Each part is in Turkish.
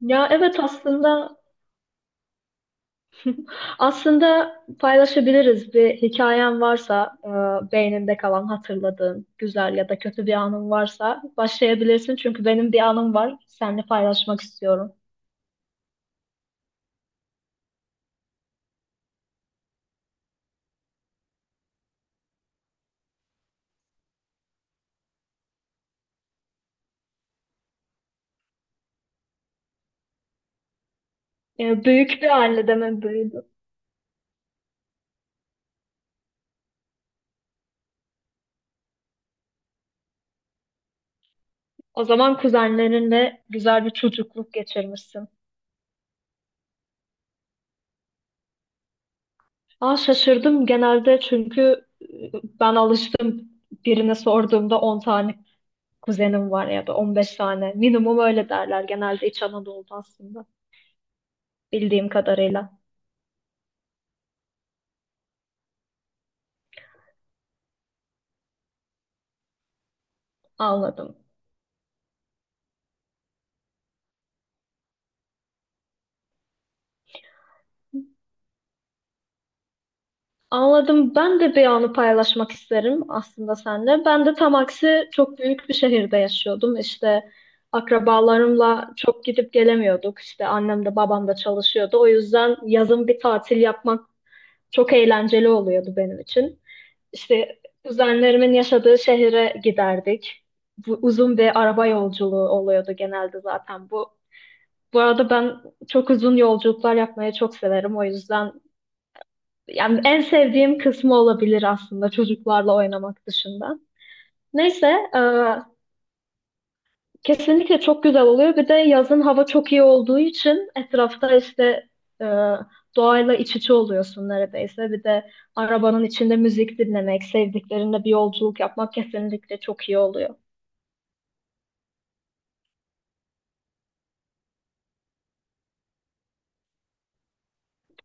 Ya evet aslında aslında paylaşabiliriz bir hikayen varsa beyninde kalan hatırladığın güzel ya da kötü bir anın varsa başlayabilirsin çünkü benim bir anım var seninle paylaşmak istiyorum. Büyük bir ailedemin büyüdüm. O zaman kuzenlerinle güzel bir çocukluk geçirmişsin. Aa, şaşırdım genelde çünkü ben alıştım birine sorduğumda 10 tane kuzenim var ya da 15 tane minimum öyle derler genelde İç Anadolu'da aslında bildiğim kadarıyla anladım. Anladım. Ben de bir anı paylaşmak isterim aslında seninle. Ben de tam aksi çok büyük bir şehirde yaşıyordum. İşte akrabalarımla çok gidip gelemiyorduk. İşte annem de babam da çalışıyordu. O yüzden yazın bir tatil yapmak çok eğlenceli oluyordu benim için. İşte kuzenlerimin yaşadığı şehre giderdik. Bu uzun bir araba yolculuğu oluyordu genelde zaten bu. Bu arada ben çok uzun yolculuklar yapmayı çok severim. O yüzden yani en sevdiğim kısmı olabilir aslında çocuklarla oynamak dışında. Neyse, e, kesinlikle çok güzel oluyor. Bir de yazın hava çok iyi olduğu için etrafta işte e, doğayla iç içe oluyorsun neredeyse. Bir de arabanın içinde müzik dinlemek, sevdiklerinle bir yolculuk yapmak kesinlikle çok iyi oluyor.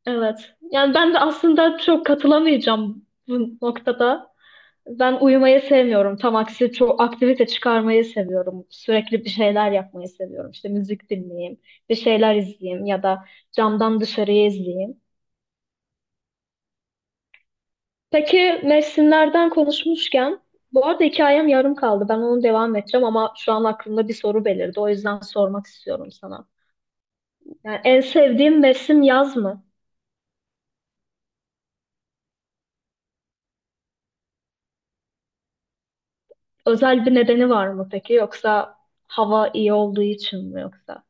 Evet. Yani ben de aslında çok katılamayacağım bu noktada. Ben uyumayı sevmiyorum. Tam aksi çok aktivite çıkarmayı seviyorum. Sürekli bir şeyler yapmayı seviyorum. İşte müzik dinleyeyim, bir şeyler izleyeyim ya da camdan dışarıyı izleyeyim. Peki mevsimlerden konuşmuşken bu arada hikayem yarım kaldı. Ben onu devam edeceğim ama şu an aklımda bir soru belirdi. O yüzden sormak istiyorum sana. Yani en sevdiğin mevsim yaz mı? Özel bir nedeni var mı peki? Yoksa hava iyi olduğu için mi yoksa?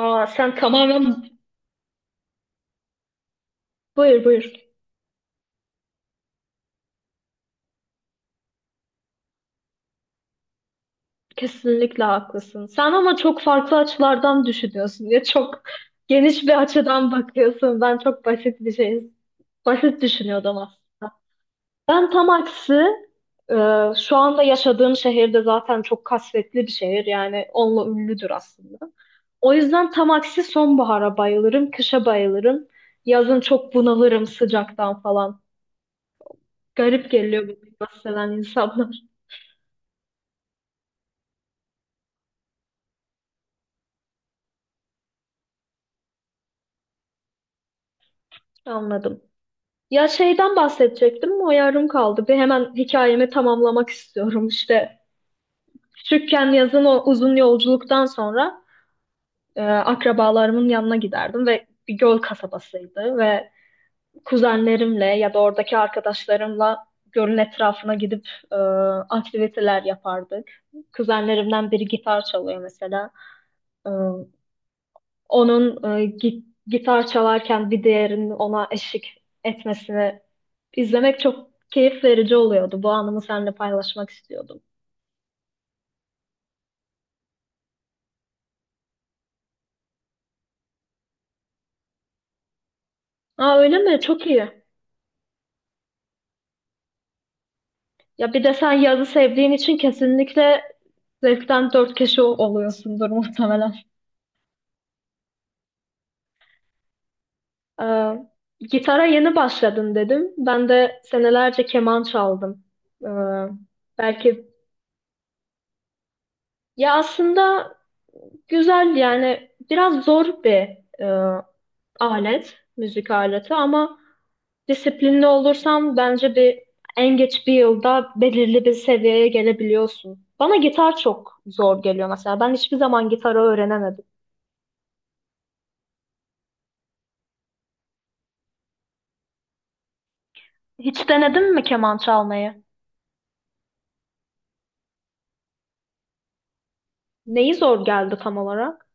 Aa, sen tamamen buyur buyur. Kesinlikle haklısın. Sen ama çok farklı açılardan düşünüyorsun ya çok geniş bir açıdan bakıyorsun. Ben çok basit bir şey, basit düşünüyordum aslında. Ben tam aksi e, şu anda yaşadığım şehirde zaten çok kasvetli bir şehir yani onunla ünlüdür aslında. O yüzden tam aksi sonbahara bayılırım, kışa bayılırım. Yazın çok bunalırım sıcaktan falan. Garip geliyor bu klimayı seven insanlar. Anladım. Ya şeyden bahsedecektim o yarım kaldı. Bir hemen hikayemi tamamlamak istiyorum. İşte küçükken yazın o uzun yolculuktan sonra akrabalarımın yanına giderdim ve bir göl kasabasıydı ve kuzenlerimle ya da oradaki arkadaşlarımla gölün etrafına gidip aktiviteler yapardık. Kuzenlerimden biri gitar çalıyor mesela. E, Onun gitar çalarken bir diğerinin ona eşlik etmesini izlemek çok keyif verici oluyordu. Bu anımı seninle paylaşmak istiyordum. Aa, öyle mi? Çok iyi. Ya bir de sen yazı sevdiğin için kesinlikle zevkten dört kişi oluyorsundur muhtemelen. Ee, Gitara yeni başladın dedim. Ben de senelerce keman çaldım. Ee, Belki ya aslında güzel yani biraz zor bir e, alet, müzik aleti ama disiplinli olursan bence bir en geç bir yılda belirli bir seviyeye gelebiliyorsun. Bana gitar çok zor geliyor mesela. Ben hiçbir zaman gitarı öğrenemedim. Hiç denedin mi keman çalmayı? Neyi zor geldi tam olarak?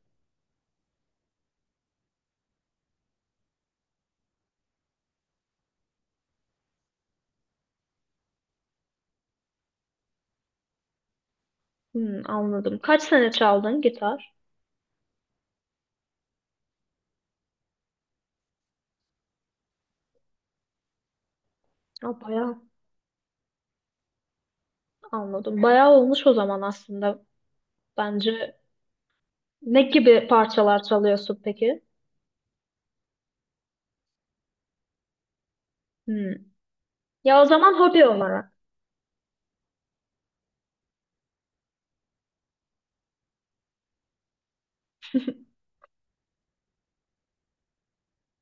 Hmm, anladım. Kaç sene çaldın gitar? Ha, bayağı anladım. Bayağı olmuş o zaman aslında bence. Ne gibi parçalar çalıyorsun peki? Hmm. Ya o zaman hobi olarak.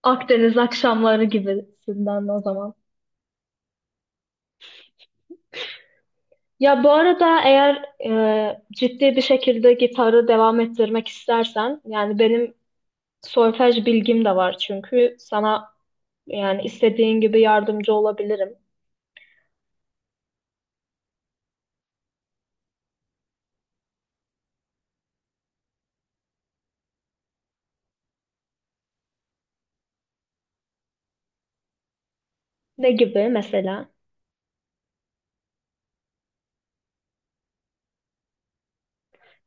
Akdeniz akşamları gibisinden o zaman. Ya bu arada eğer ciddi bir şekilde gitarı devam ettirmek istersen, yani benim solfej bilgim de var çünkü sana yani istediğin gibi yardımcı olabilirim. Ne gibi mesela?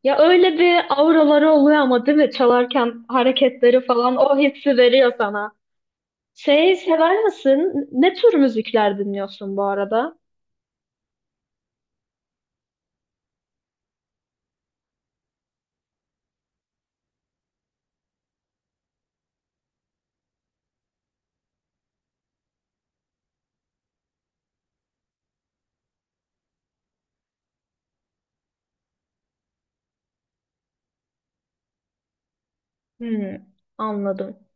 Ya öyle bir auraları oluyor ama değil mi? Çalarken hareketleri falan o hissi veriyor sana. Şey sever misin? Ne tür müzikler dinliyorsun bu arada? Hmm, anladım.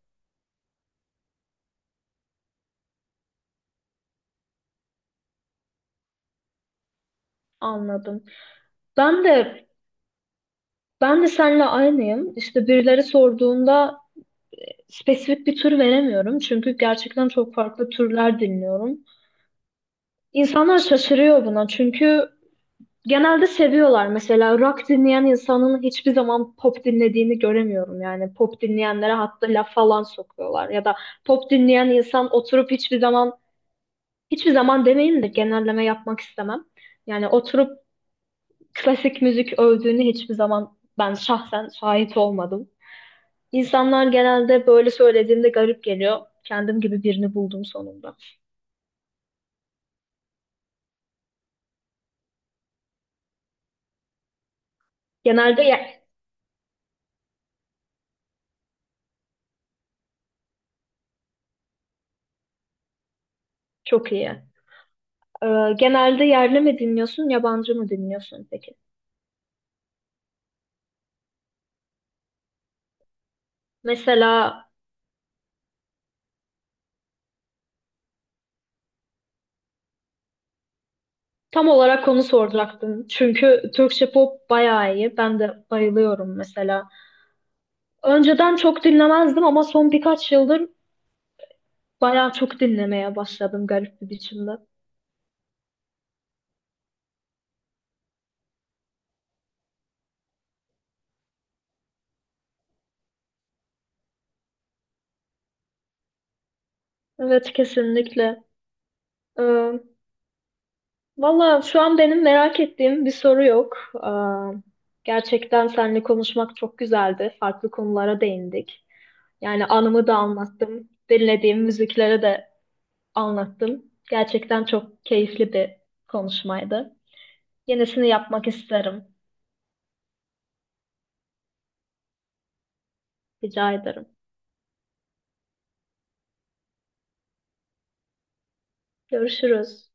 Anladım. Ben de ben de seninle aynıyım. İşte birileri sorduğunda spesifik bir tür veremiyorum. Çünkü gerçekten çok farklı türler dinliyorum. İnsanlar şaşırıyor buna. Çünkü genelde seviyorlar. Mesela rock dinleyen insanın hiçbir zaman pop dinlediğini göremiyorum. Yani pop dinleyenlere hatta laf falan sokuyorlar. Ya da pop dinleyen insan oturup hiçbir zaman, hiçbir zaman demeyeyim de genelleme yapmak istemem. Yani oturup klasik müzik övdüğünü hiçbir zaman ben şahsen şahit olmadım. İnsanlar genelde böyle söylediğimde garip geliyor. Kendim gibi birini buldum sonunda. Genelde ye- Çok iyi. Genelde yerli mi dinliyorsun, yabancı mı dinliyorsun peki? Mesela tam olarak onu soracaktım. Çünkü Türkçe pop bayağı iyi. Ben de bayılıyorum mesela. Önceden çok dinlemezdim ama son birkaç yıldır bayağı çok dinlemeye başladım garip bir biçimde. Evet kesinlikle. Ee, Valla şu an benim merak ettiğim bir soru yok. Gerçekten seninle konuşmak çok güzeldi. Farklı konulara değindik. Yani anımı da anlattım. Dinlediğim müziklere de anlattım. Gerçekten çok keyifli bir konuşmaydı. Yenisini yapmak isterim. Rica ederim. Görüşürüz.